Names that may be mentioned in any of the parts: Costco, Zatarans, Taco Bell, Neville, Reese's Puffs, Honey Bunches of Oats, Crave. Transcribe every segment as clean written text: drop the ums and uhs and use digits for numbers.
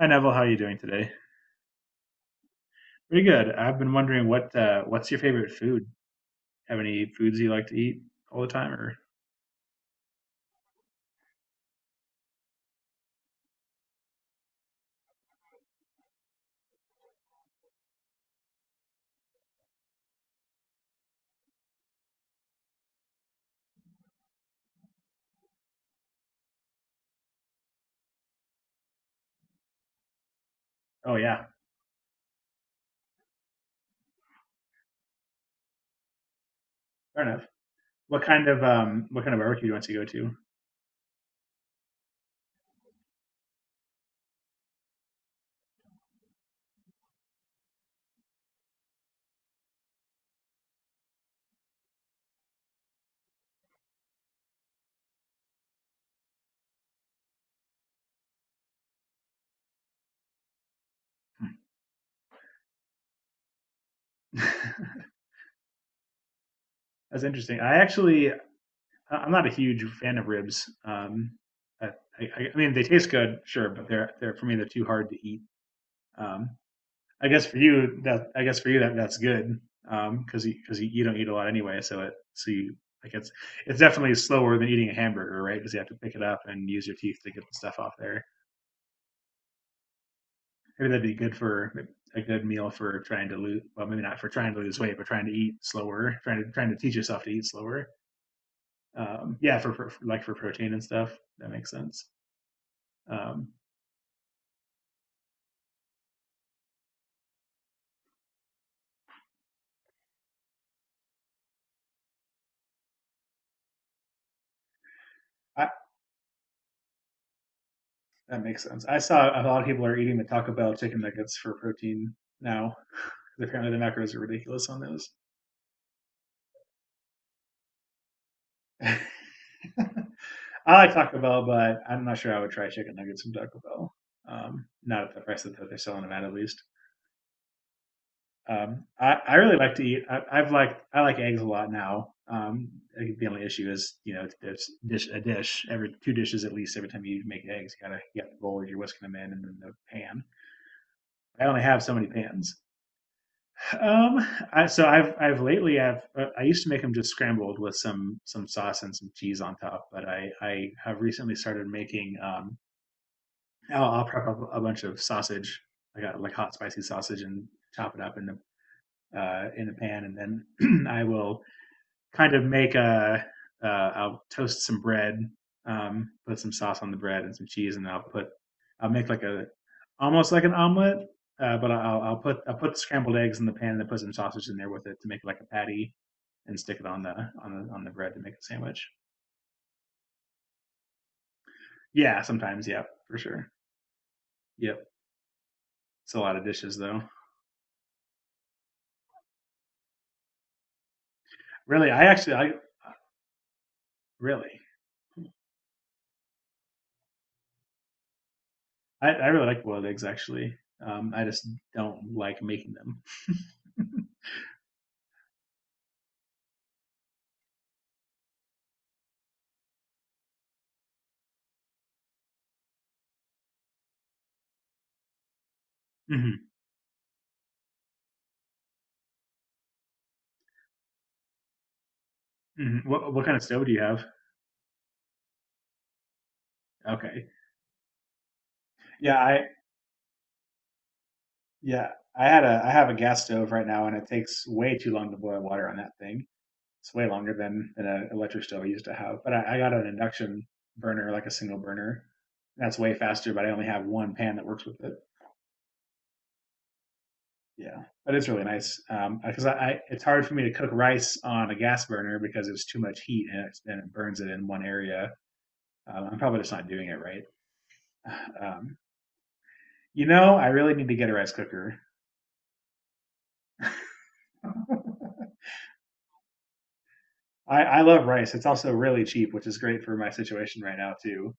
Hi Neville, how are you doing today? Pretty good. I've been wondering what's your favorite food? Have any foods you like to eat all the time, or oh yeah, fair enough. What kind of what kind of barbecue do you want to go to? That's interesting. I actually, I'm not a huge fan of ribs. I, I, I mean, they taste good, sure, but they're for me they're too hard to eat. Um, I guess for you that that's good because you don't eat a lot anyway, so you like it's it's definitely slower than eating a hamburger, right? Because you have to pick it up and use your teeth to get the stuff off there. Maybe that'd be good for a good meal for trying to lose. Well, maybe not for trying to lose weight, but trying to eat slower, trying to teach yourself to eat slower. Yeah, for, for protein and stuff, that makes sense. Um, I, that makes sense. I saw a lot of people are eating the Taco Bell chicken nuggets for protein now. Apparently, the macros are ridiculous on those. I like Taco Bell, but I'm not sure I would try chicken nuggets from Taco Bell. Not at the price that they're selling them at least. I really like to eat. I like eggs a lot now. The only issue is you know it's dish every two dishes at least every time you make eggs. You got the bowl you're whisking them in and then the pan. I only have so many pans. Um, I, so I've lately I've I used to make them just scrambled with some sauce and some cheese on top, but I have recently started making I'll prep up a bunch of sausage. I got like hot spicy sausage and chop it up in the pan, and then I will kind of make a. I'll toast some bread, put some sauce on the bread and some cheese, and I'll put. I'll make like a almost like an omelet, I'll put scrambled eggs in the pan and then put some sausage in there with it to make like a patty, and stick it on the on the on the bread to make a sandwich. Yeah, sometimes, yeah, for sure. Yep, it's a lot of dishes though. Really, really I really like boiled eggs actually. I just don't like making them. Hmm. Hmm. What kind of stove do you have? Okay. Yeah, yeah I had a I have a gas stove right now, and it takes way too long to boil water on that thing. It's way longer than an electric stove I used to have. But I got an induction burner, like a single burner. That's way faster, but I only have one pan that works with it. Yeah, but it's really nice because I it's hard for me to cook rice on a gas burner because it's too much heat and it burns it in one area. I'm probably just not doing it right. Um, you know, I really need to get a rice cooker. I love rice. It's also really cheap, which is great for my situation right now too.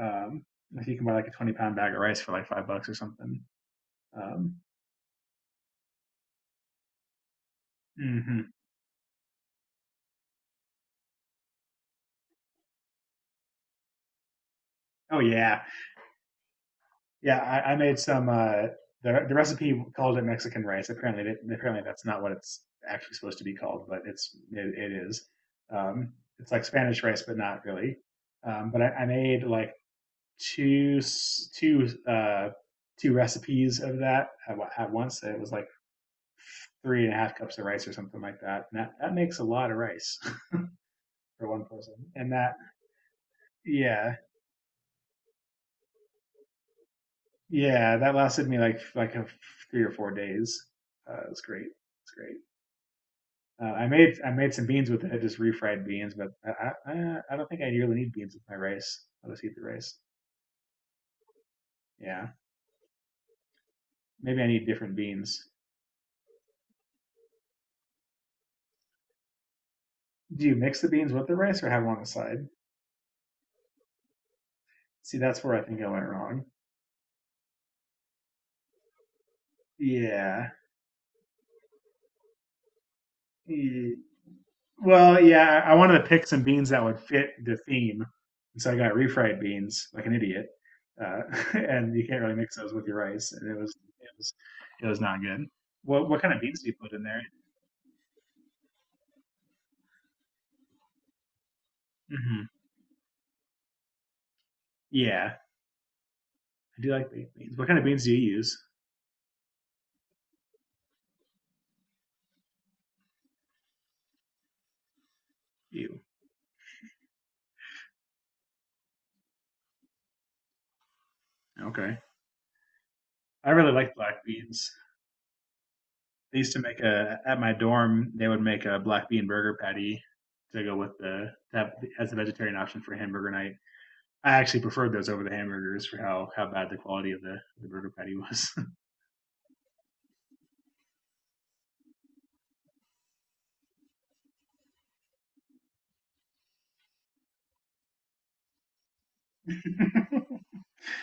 Um, if you can buy like a 20 pound bag of rice for like $5 or something. Um, hmm. Oh yeah, yeah, I made some. The recipe called it Mexican rice. Apparently that's not what it's actually supposed to be called, but it is. Um, it's like Spanish rice, but not really. I made like two two uh, two recipes of that at once. It was like three and a half cups of rice or something like that. And that makes a lot of rice for one person. And that yeah yeah that lasted me like 3 or 4 days. It was great. It's great. I made some beans with it, just refried beans, but I don't think I really need beans with my rice. I'll just eat the rice. Yeah, maybe I need different beans. Do you mix the beans with the rice or have them on the side? See, that's where I think I went wrong. Yeah. E- Well, yeah, I wanted to pick some beans that would fit the theme, and so I got refried beans like an idiot. Uh, and you can't really mix those with your rice, and it was it was not good. What kind of beans do you put in there? Hmm. Yeah. I do like baked beans. What kind of beans do you use? Ew. Okay. I really like black beans. They used to make a at my dorm. They would make a black bean burger patty to go with the that as a vegetarian option for hamburger night. I actually preferred those over the hamburgers for how bad the quality of the burger patty was.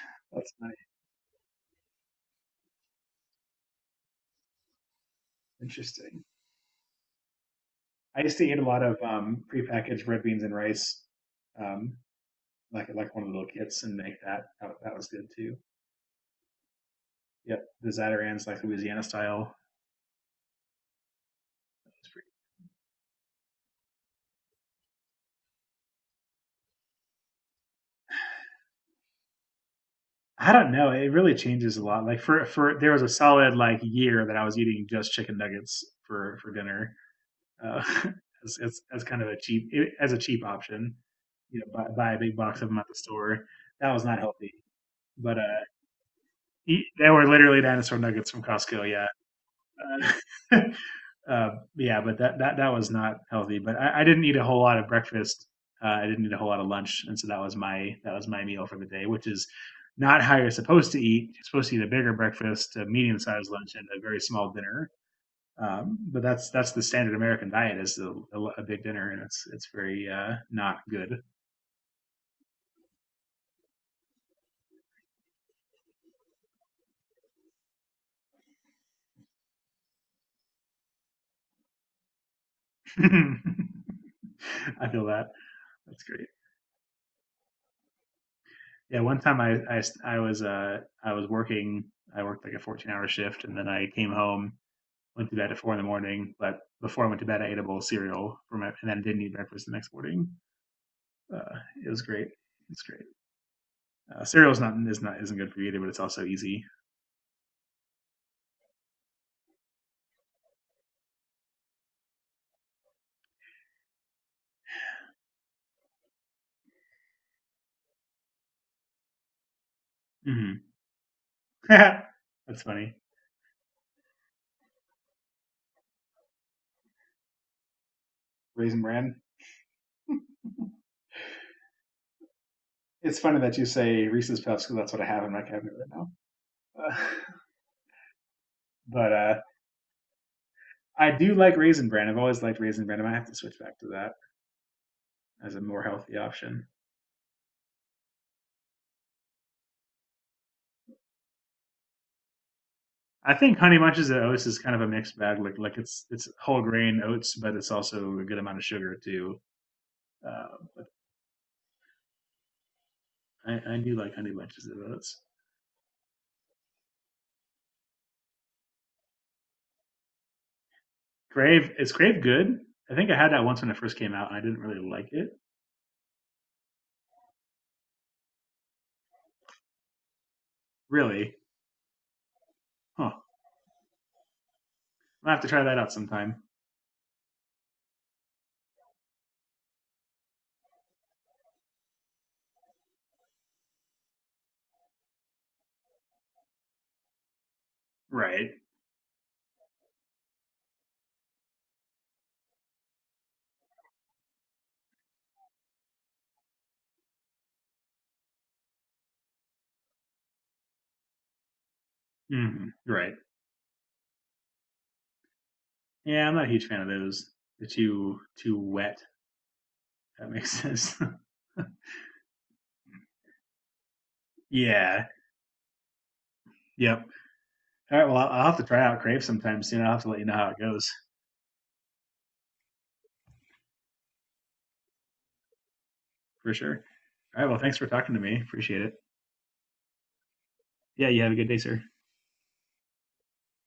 That's nice. Interesting. I used to eat a lot of prepackaged red beans and rice, um, like one of the little kits, and make that. That was good too. Yep, the Zatarans, like Louisiana style, it's I don't know. It really changes a lot. Like for there was a solid like year that I was eating just chicken nuggets for dinner uh, as kind of a cheap as a cheap option. You know, buy a big box of them at the store. That was not healthy, but they were literally dinosaur nuggets from Costco. Yeah, uh, that that was not healthy. But I didn't eat a whole lot of breakfast. I didn't eat a whole lot of lunch, and so that was my meal for the day, which is not how you're supposed to eat. You're supposed to eat a bigger breakfast, a medium sized lunch, and a very small dinner. But that's the standard American diet is a big dinner, and it's very not good. I feel that. That's great. Yeah, one time I was working. I worked like a 14-hour shift, and then I came home went to bed at four in the morning, but before I went to bed, I ate a bowl of cereal for my, and then didn't eat breakfast the next morning. Uh, it was great. It's great. Cereal is not isn't good for you either, but it's also easy. Hmm. That's funny. Raisin bran. It's funny that you say Reese's Puffs because that's what I have in my cabinet right now. Uh, but I do like raisin bran. I've always liked raisin bran. I might have to switch back to that as a more healthy option. I think Honey Bunches of Oats is kind of a mixed bag. Like it's whole grain oats, but it's also a good amount of sugar too. Uh, but I do like Honey Bunches of Oats. Grave is Grave good? I think I had that once when it first came out, and I didn't really like it. Really? Huh. I'll have to try that out sometime. Right. Hmm. Right. Yeah, I'm not a huge fan of those. They're too wet. That makes sense. Yeah. Yep. All right. Well, I'll have to try out Crave sometime soon. I'll have to let you know how it goes for sure. All right. Well, thanks for talking to me. Appreciate it. Yeah. You have a good day, sir.